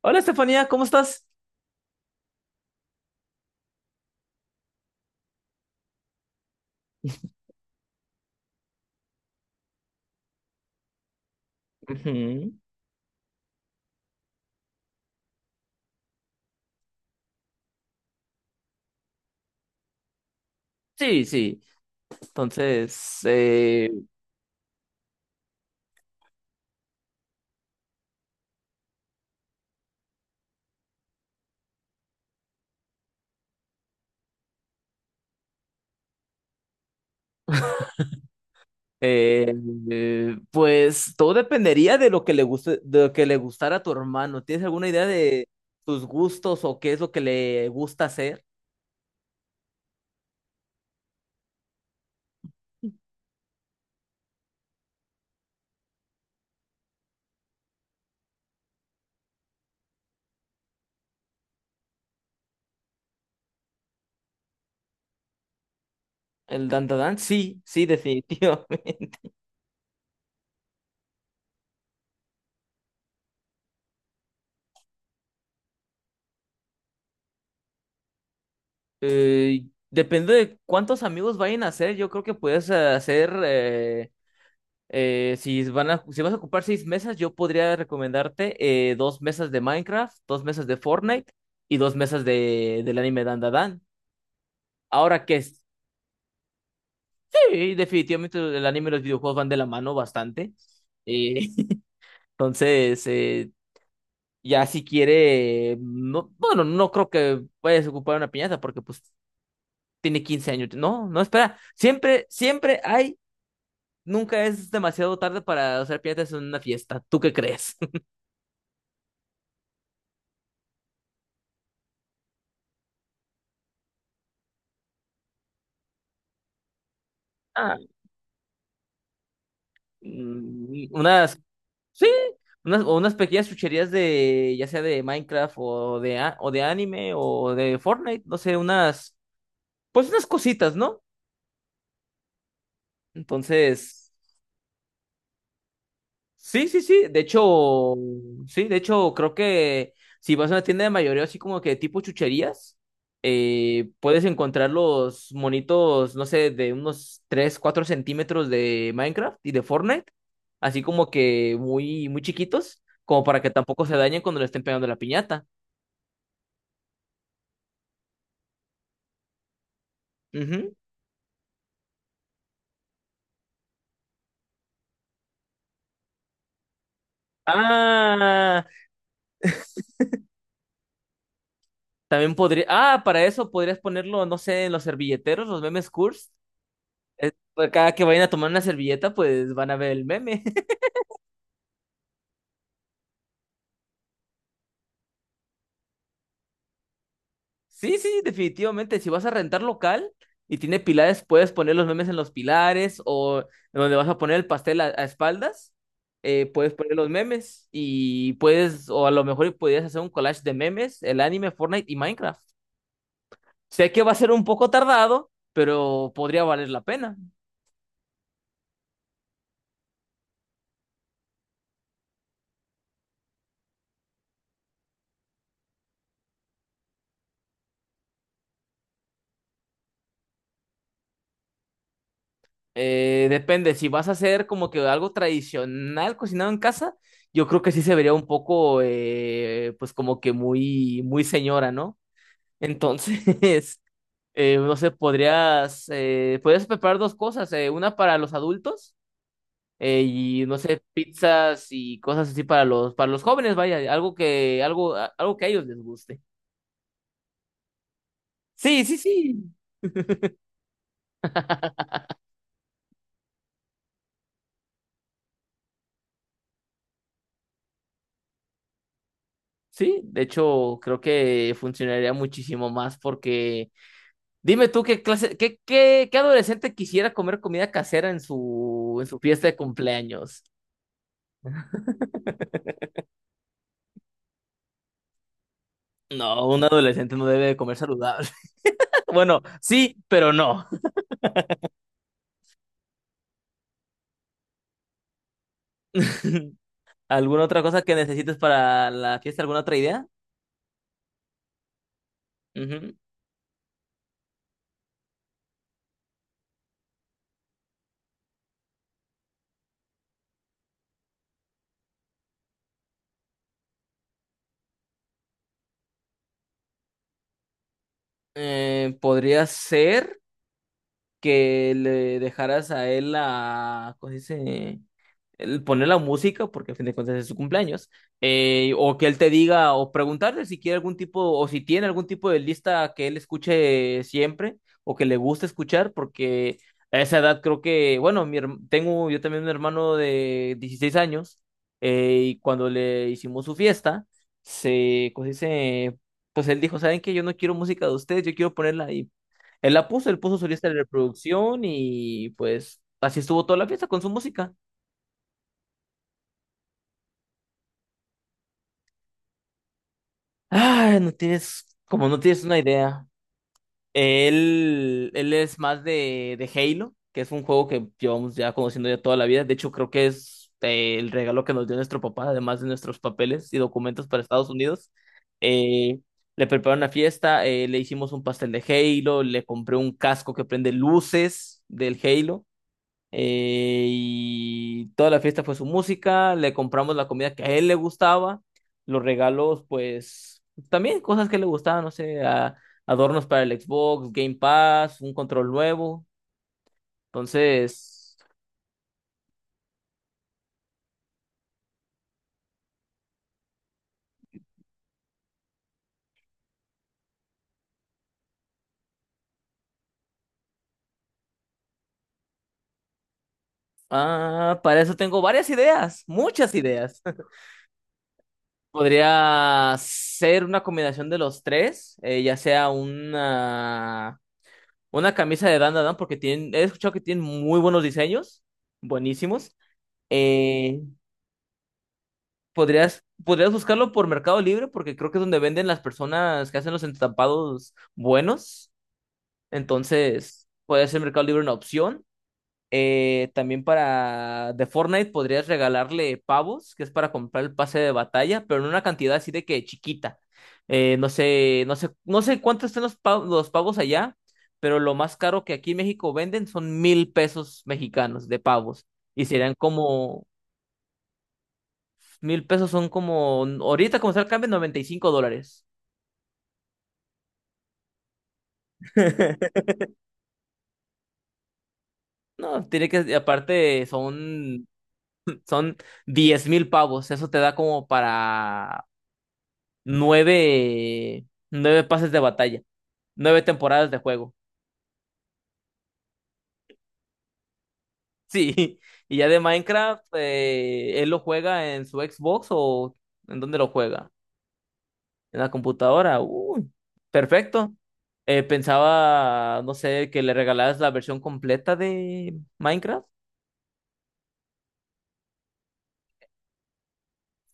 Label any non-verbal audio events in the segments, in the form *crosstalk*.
Hola Estefanía, ¿cómo estás? Ujú. Sí, sí. Entonces, eh, pues todo dependería de lo que le guste, de lo que le gustara a tu hermano. ¿Tienes alguna idea de tus gustos o qué es lo que le gusta hacer? El dandadan, sí, sí, definitivamente. *laughs* Depende de cuántos amigos vayan a hacer. Yo creo que puedes hacer. Si vas a ocupar seis mesas, yo podría recomendarte dos mesas de Minecraft, dos mesas de Fortnite y dos mesas del anime Dan Dan Dan. Ahora que es- sí, definitivamente el anime y los videojuegos van de la mano bastante. Eh, *laughs* entonces, ya si quiere, no, bueno, no creo que vayas a ocupar una piñata porque pues tiene 15 años. No, no, espera. Nunca es demasiado tarde para hacer piñatas en una fiesta. ¿Tú qué crees? *laughs* Unas, sí, unas pequeñas chucherías de, ya sea de Minecraft o de, o de anime o de Fortnite, no sé, unas, pues unas cositas, ¿no? Entonces. Sí, sí, sí. De hecho, sí, creo que si vas a una tienda de mayoreo así como que tipo chucherías, puedes encontrar los monitos, no sé, de unos 3 4 centímetros de Minecraft y de Fortnite, así como que muy, muy chiquitos, como para que tampoco se dañen cuando le estén pegando la piñata. Ujú. Ah, también podría, para eso podrías ponerlo, no sé, en los servilleteros, los memes curls. Eh, Cada que vayan a tomar una servilleta, pues van a ver el meme. Sí, sí, definitivamente. Si vas a rentar local y tiene pilares, puedes poner los memes en los pilares o donde vas a poner el pastel a, espaldas, puedes poner los memes y puedes, o a lo mejor podrías hacer un collage de memes, el anime, Fortnite y Minecraft. Sé que va a ser un poco tardado, pero podría valer la pena. Depende, si vas a hacer como que algo tradicional cocinado en casa, yo creo que sí se vería un poco, pues como que muy, muy señora, ¿no? Entonces... *laughs* no sé, podrías preparar dos cosas, una para los adultos y no sé, pizzas y cosas así para los jóvenes, vaya, algo que, algo que a ellos les guste. Sí, sí, sí. *laughs* Sí, de hecho, creo que funcionaría muchísimo más porque dime tú qué clase, qué adolescente quisiera comer comida casera en su, fiesta de cumpleaños. No, un adolescente no debe de comer saludable. *laughs* Bueno, sí, pero no. *laughs* ¿Alguna otra cosa que necesites para la fiesta? ¿Alguna otra idea? Ujú. Podría ser que le dejaras a él la, ¿cómo se dice? El poner la música, porque a fin de cuentas es su cumpleaños, o que él te diga, o preguntarle si quiere algún tipo, o si tiene algún tipo de lista que él escuche siempre, o que le guste escuchar, porque a esa edad creo que, bueno, tengo yo también un hermano de 16 años, y cuando le hicimos su fiesta, pues dice, pues él dijo, ¿saben qué? Yo no quiero música de ustedes, yo quiero ponerla. Y él la puso, él puso su lista de reproducción y pues así estuvo toda la fiesta con su música. Ay, no tienes, como no tienes una idea. Él es más de Halo, que es un juego que llevamos ya conociendo ya toda la vida. De hecho, creo que es el regalo que nos dio nuestro papá, además de nuestros papeles y documentos para Estados Unidos. Eh, Le preparé una fiesta, le hicimos un pastel de Halo, le compré un casco que prende luces del Halo, y toda la fiesta fue su música, le compramos la comida que a él le gustaba, los regalos, pues también cosas que le gustaban, no sé, adornos para el Xbox, Game Pass, un control nuevo. Entonces, para eso tengo varias ideas, muchas ideas. *laughs* Podría ser una combinación de los tres, ya sea una camisa de Dan Dan, Dan, porque tienen, he escuchado que tienen muy buenos diseños, buenísimos. eh, Podrías buscarlo por Mercado Libre porque creo que es donde venden las personas que hacen los entampados buenos. Entonces, puede ser Mercado Libre una opción. También para de Fortnite podrías regalarle pavos, que es para comprar el pase de batalla, pero en una cantidad así de que chiquita. No sé cuánto están los pavos, allá, pero lo más caro que aquí en México venden son 1.000 pesos mexicanos de pavos. Y serían como 1.000 pesos son como, ahorita como está el cambio, 95 dólares. *laughs* No, tiene que, aparte son 10.000 pavos. Eso te da como para nueve, nueve pases de batalla, nueve temporadas de juego. *laughs* Sí, y ya de Minecraft, él lo juega en su Xbox o ¿en dónde lo juega? En la computadora. Uy, perfecto. Pensaba, no sé, que le regalaras la versión completa de Minecraft.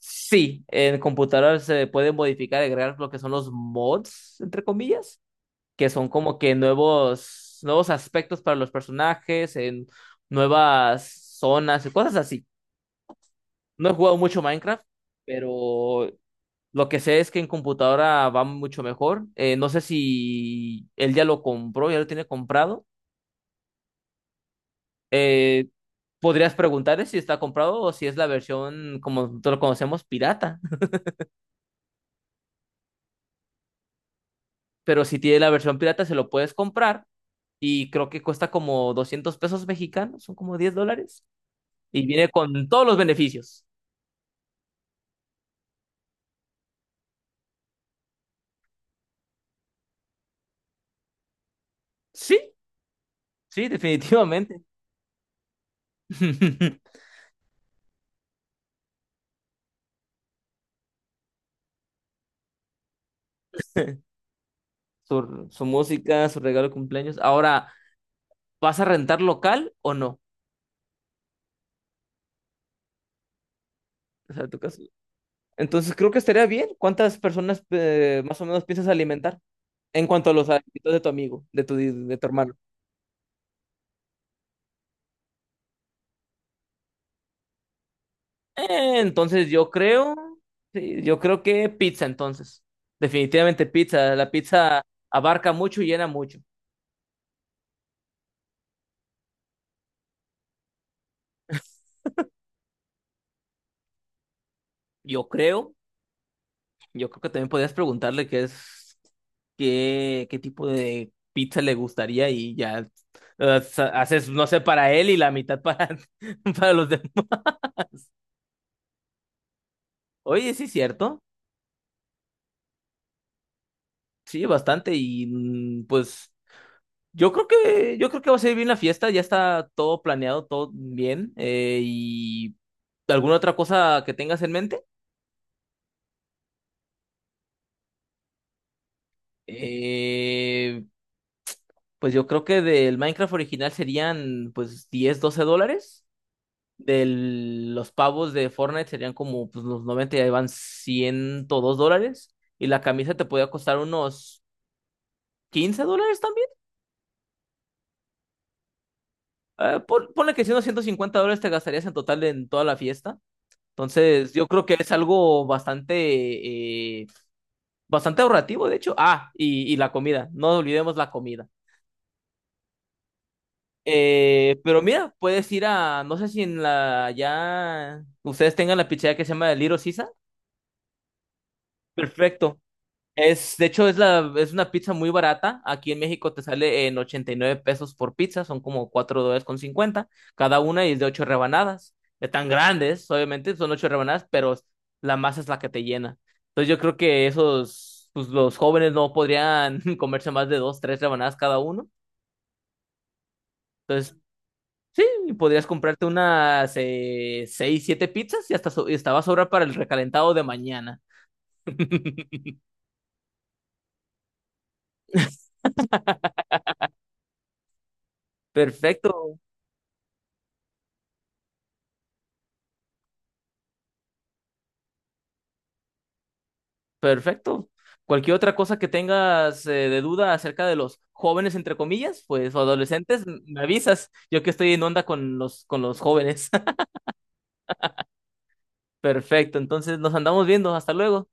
Sí, en computador se pueden modificar, agregar lo que son los mods, entre comillas, que son como que nuevos aspectos para los personajes, en nuevas zonas y cosas así. No he jugado mucho Minecraft, pero lo que sé es que en computadora va mucho mejor. No sé si él ya lo compró, ya lo tiene comprado. Eh, Podrías preguntarle si está comprado o si es la versión, como nosotros lo conocemos, pirata. *laughs* Pero si tiene la versión pirata, se lo puedes comprar y creo que cuesta como 200 pesos mexicanos, son como 10 dólares, y viene con todos los beneficios. Sí, sí, definitivamente. *laughs* Su música, su regalo de cumpleaños. Ahora, ¿vas a rentar local o no? O sea, tu caso. Entonces, creo que estaría bien. ¿Cuántas personas más o menos piensas alimentar? En cuanto a los alimentos de tu amigo, de tu hermano. Entonces, yo creo, sí, yo creo que pizza, entonces. Definitivamente pizza. La pizza abarca mucho y llena mucho. Yo creo, yo creo que también podrías preguntarle qué es, qué tipo de pizza le gustaría y ya haces, no sé, para él y la mitad para, *laughs* para los demás. Oye, sí, cierto. Sí, bastante. Y pues yo creo que va a ser bien la fiesta, ya está todo planeado, todo bien. Y ¿alguna otra cosa que tengas en mente? Eh, pues yo creo que del Minecraft original serían pues 10 12 dólares. De los pavos de Fortnite serían como pues, los 90 y ahí van $102. Y la camisa te podía costar unos 15 dólares también. Ponle que si unos 150 dólares te gastarías en total en toda la fiesta. Entonces, yo creo que es algo bastante, bastante ahorrativo, de hecho. Ah, y la comida. No olvidemos la comida. Pero mira, puedes ir a, no sé si en la, ya ustedes tengan la pizzería que se llama Little Sisa. Perfecto. De hecho, es es una pizza muy barata. Aquí en México te sale en 89 pesos por pizza, son como $4,50 cada una y es de 8 rebanadas. Están grandes, obviamente, son 8 rebanadas, pero la masa es la que te llena. Entonces yo creo que esos, pues los jóvenes no podrían *laughs* comerse más de 2 3 rebanadas cada uno. Entonces, sí, podrías comprarte unas 6 7 pizzas y hasta, y hasta va a sobrar para el recalentado de mañana. *laughs* Perfecto. Perfecto. Cualquier otra cosa que tengas de duda acerca de los jóvenes, entre comillas, pues o adolescentes, me avisas. Yo que estoy en onda con los jóvenes. *laughs* Perfecto. Entonces nos andamos viendo. Hasta luego.